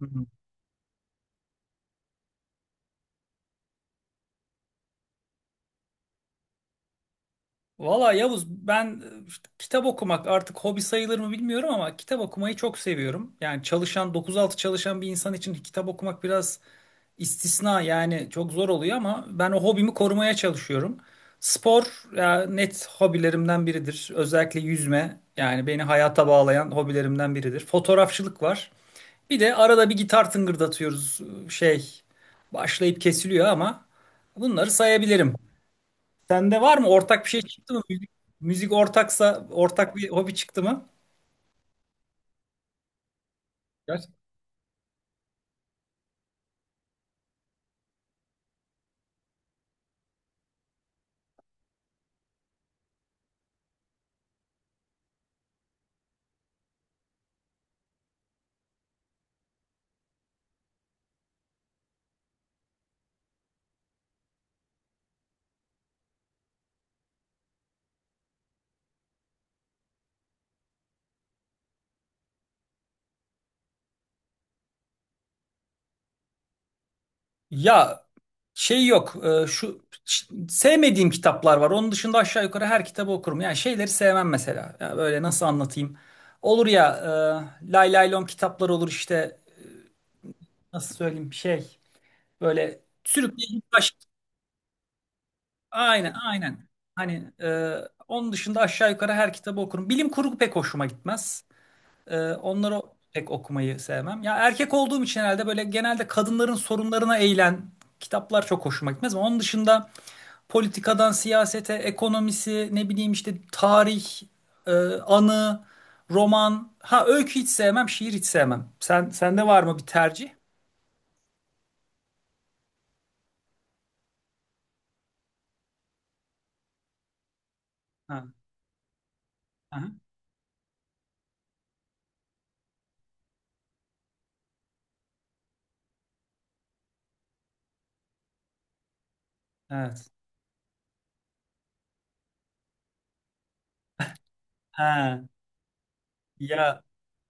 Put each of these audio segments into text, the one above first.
Hı hı. Valla Yavuz ben işte kitap okumak artık hobi sayılır mı bilmiyorum ama kitap okumayı çok seviyorum. Yani dokuz altı çalışan bir insan için kitap okumak biraz istisna, yani çok zor oluyor ama ben o hobimi korumaya çalışıyorum. Spor ya, net hobilerimden biridir. Özellikle yüzme, yani beni hayata bağlayan hobilerimden biridir. Fotoğrafçılık var. Bir de arada bir gitar tıngırdatıyoruz, e, şey başlayıp kesiliyor ama bunları sayabilirim. Sende var mı? Ortak bir şey çıktı mı? Müzik ortaksa ortak bir hobi çıktı mı? Gerçekten. Ya şey yok. Sevmediğim kitaplar var. Onun dışında aşağı yukarı her kitabı okurum. Yani şeyleri sevmem mesela. Ya böyle nasıl anlatayım? Olur ya, lay lay lom kitaplar olur işte. Nasıl söyleyeyim? Şey, böyle sürükleyici baş. Aynen, aynen. Hani, onun dışında aşağı yukarı her kitabı okurum. Bilim kurgu pek hoşuma gitmez. Onları pek okumayı sevmem. Ya erkek olduğum için herhalde böyle genelde kadınların sorunlarına eğilen kitaplar çok hoşuma gitmez ama onun dışında politikadan siyasete, ekonomisi, ne bileyim işte tarih, e, anı, roman. Ha, öykü hiç sevmem, şiir hiç sevmem. Sende var mı bir tercih? Ha, aha, evet. Ha, ya,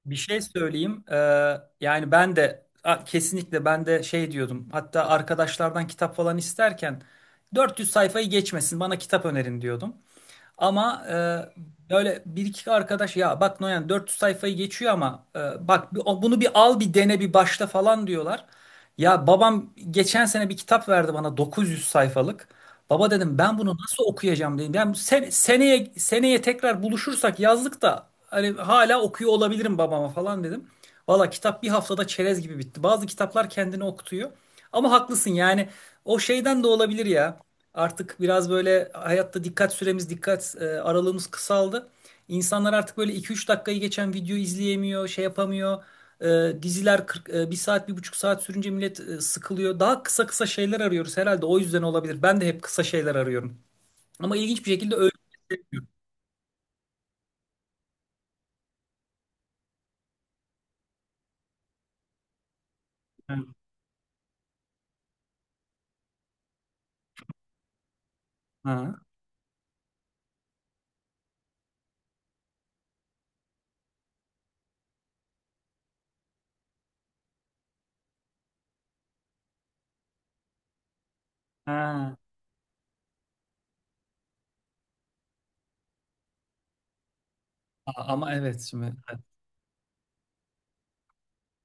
bir şey söyleyeyim. Yani ben de, kesinlikle ben de şey diyordum. Hatta arkadaşlardan kitap falan isterken 400 sayfayı geçmesin bana kitap önerin diyordum. Ama böyle bir iki arkadaş, ya bak Noyan 400 sayfayı geçiyor ama bak, bunu bir al, bir dene, bir başla falan diyorlar. Ya babam geçen sene bir kitap verdi bana, 900 sayfalık. Baba dedim, ben bunu nasıl okuyacağım dedim. Yani seneye tekrar buluşursak yazlık da hani hala okuyor olabilirim babama falan dedim. Valla kitap bir haftada çerez gibi bitti. Bazı kitaplar kendini okutuyor. Ama haklısın yani, o şeyden de olabilir ya. Artık biraz böyle hayatta dikkat süremiz, dikkat aralığımız kısaldı. İnsanlar artık böyle 2-3 dakikayı geçen video izleyemiyor, şey yapamıyor. Diziler 40, bir saat, 1,5 saat sürünce millet sıkılıyor. Daha kısa kısa şeyler arıyoruz herhalde, o yüzden olabilir. Ben de hep kısa şeyler arıyorum. Ama ilginç bir şekilde öykü sevmiyorum. Ha, ha. Ha, ama evet, şimdi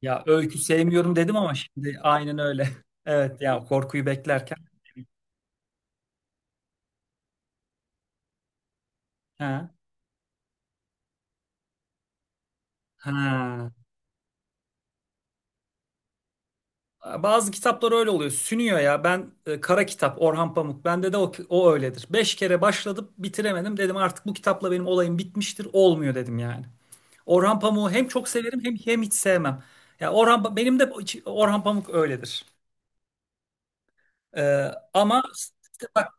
ya öykü sevmiyorum dedim ama şimdi aynen öyle. Evet ya, korkuyu beklerken. Ha, ha. Bazı kitaplar öyle oluyor. Sünüyor ya. Ben, Kara Kitap, Orhan Pamuk. Bende de o öyledir. Beş kere başladım, bitiremedim. Dedim artık bu kitapla benim olayım bitmiştir. Olmuyor dedim yani. Orhan Pamuk'u hem çok severim, hem hiç sevmem. Ya, Orhan Pa- benim de iç- Orhan Pamuk öyledir. Ama işte bak,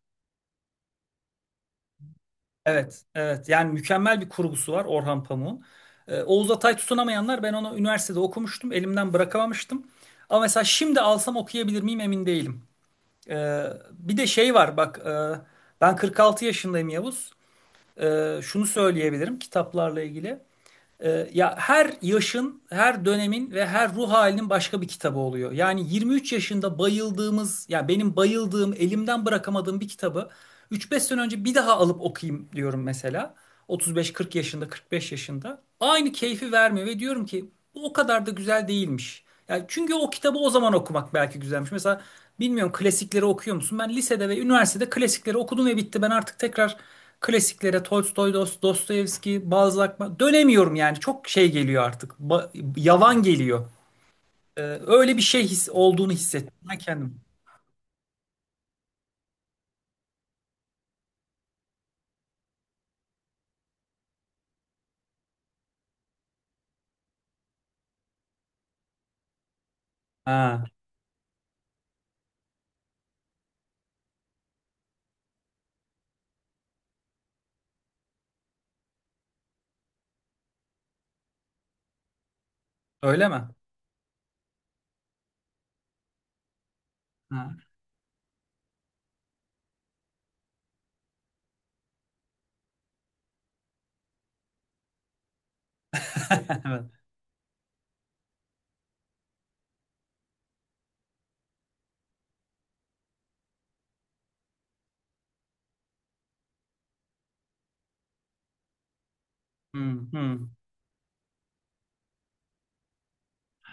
evet evet, yani mükemmel bir kurgusu var Orhan Pamuk'un. Oğuz Atay Tutunamayanlar, ben onu üniversitede okumuştum. Elimden bırakamamıştım. Ama mesela şimdi alsam okuyabilir miyim emin değilim. Bir de şey var bak, ben 46 yaşındayım Yavuz. Şunu söyleyebilirim kitaplarla ilgili. Ya her yaşın, her dönemin ve her ruh halinin başka bir kitabı oluyor. Yani 23 yaşında bayıldığımız, ya benim bayıldığım, elimden bırakamadığım bir kitabı 3-5 sene önce bir daha alıp okuyayım diyorum mesela. 35-40 yaşında, 45 yaşında. Aynı keyfi vermiyor ve diyorum ki bu o kadar da güzel değilmiş. Yani çünkü o kitabı o zaman okumak belki güzelmiş. Mesela bilmiyorum, klasikleri okuyor musun? Ben lisede ve üniversitede klasikleri okudum ve bitti. Ben artık tekrar klasiklere, Tolstoy, Dostoyevski, Balzac, dönemiyorum yani. Çok şey geliyor artık. Yavan geliyor. Ee, öyle bir şey his olduğunu hissettim ben kendim. Ha, öyle mi? Ha. Evet. Hmm, hmm.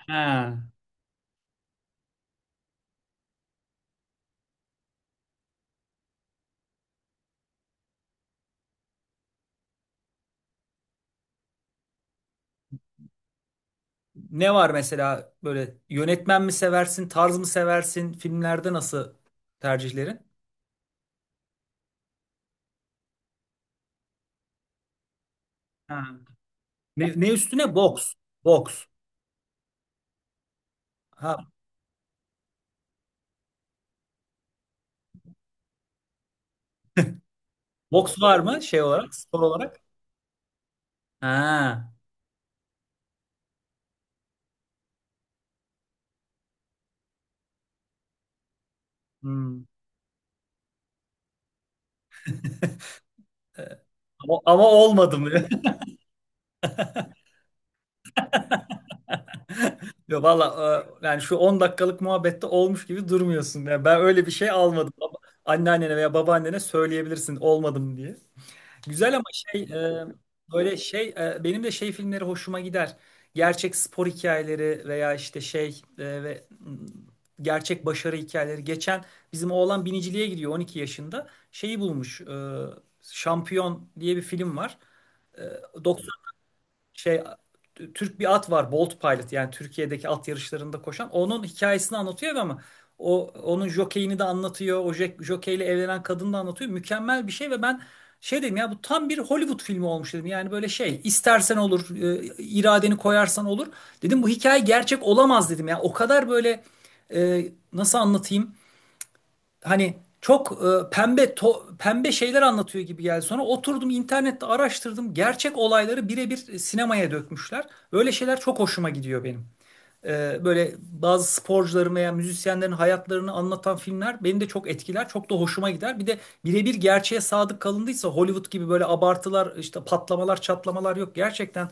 Ha. Ne var mesela, böyle yönetmen mi seversin, tarz mı seversin, filmlerde nasıl tercihlerin? Ha. Ne üstüne? Boks. Boks. Ha. Boks var mı şey olarak, spor olarak? Ha. Hmm. Ee, ama olmadı mı? Valla, yani şu 10 dakikalık muhabbette olmuş gibi durmuyorsun. Yani ben öyle bir şey almadım. Anneannene veya babaannene söyleyebilirsin olmadım diye. Güzel, ama şey, böyle şey, benim de şey filmleri hoşuma gider. Gerçek spor hikayeleri veya işte şey, ve, gerçek başarı hikayeleri. Geçen bizim oğlan biniciliğe gidiyor, 12 yaşında. Şeyi bulmuş. Şampiyon diye bir film var, şey, Türk bir at var, Bolt Pilot, yani Türkiye'deki at yarışlarında koşan onun hikayesini anlatıyor ama o onun jokeyini de anlatıyor, o jokeyle evlenen kadını da anlatıyor, mükemmel bir şey ve ben şey dedim ya, bu tam bir Hollywood filmi olmuş dedim. Yani böyle şey istersen olur, iradeni koyarsan olur dedim, bu hikaye gerçek olamaz dedim ya, o kadar böyle, nasıl anlatayım, hani çok, pembe şeyler anlatıyor gibi geldi. Sonra oturdum, internette araştırdım. Gerçek olayları birebir sinemaya dökmüşler. Öyle şeyler çok hoşuma gidiyor benim. Böyle bazı sporcuların veya müzisyenlerin hayatlarını anlatan filmler beni de çok etkiler, çok da hoşuma gider. Bir de, birebir gerçeğe sadık kalındıysa, Hollywood gibi böyle abartılar, işte patlamalar, çatlamalar yok. Gerçekten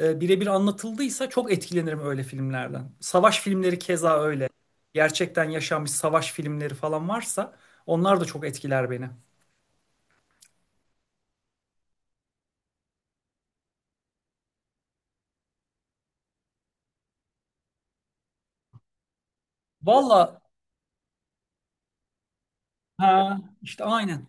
birebir anlatıldıysa çok etkilenirim öyle filmlerden. Savaş filmleri keza öyle. Gerçekten yaşanmış savaş filmleri falan varsa onlar da çok etkiler beni. Valla, ha, işte aynen.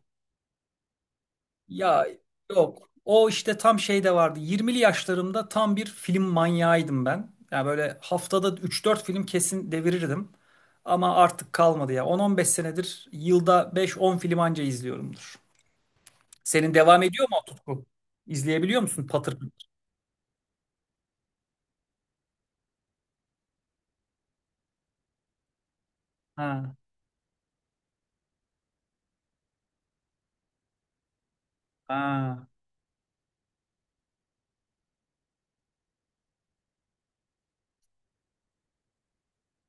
Ya yok. O işte tam şey de vardı. Yirmili yaşlarımda tam bir film manyağıydım ben. Ya böyle haftada üç dört film kesin devirirdim. Ama artık kalmadı ya. 10-15 senedir yılda 5-10 film anca izliyorumdur. Senin devam ediyor mu o tutku? İzleyebiliyor musun patır patır? Ha, ha.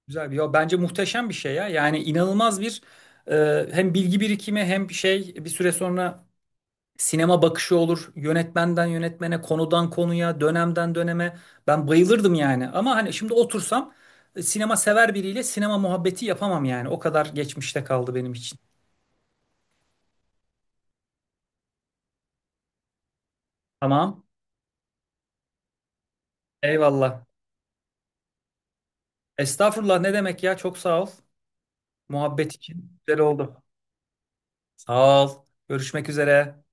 Güzel bir. Yo, bence muhteşem bir şey ya. Yani inanılmaz bir, hem bilgi birikimi hem şey, bir süre sonra sinema bakışı olur. Yönetmenden yönetmene, konudan konuya, dönemden döneme. Ben bayılırdım yani. Ama hani şimdi otursam sinema sever biriyle sinema muhabbeti yapamam yani. O kadar geçmişte kaldı benim için. Tamam. Eyvallah. Estağfurullah, ne demek ya? Çok sağ ol. Muhabbet için. Güzel oldu. Sağ ol. Görüşmek üzere.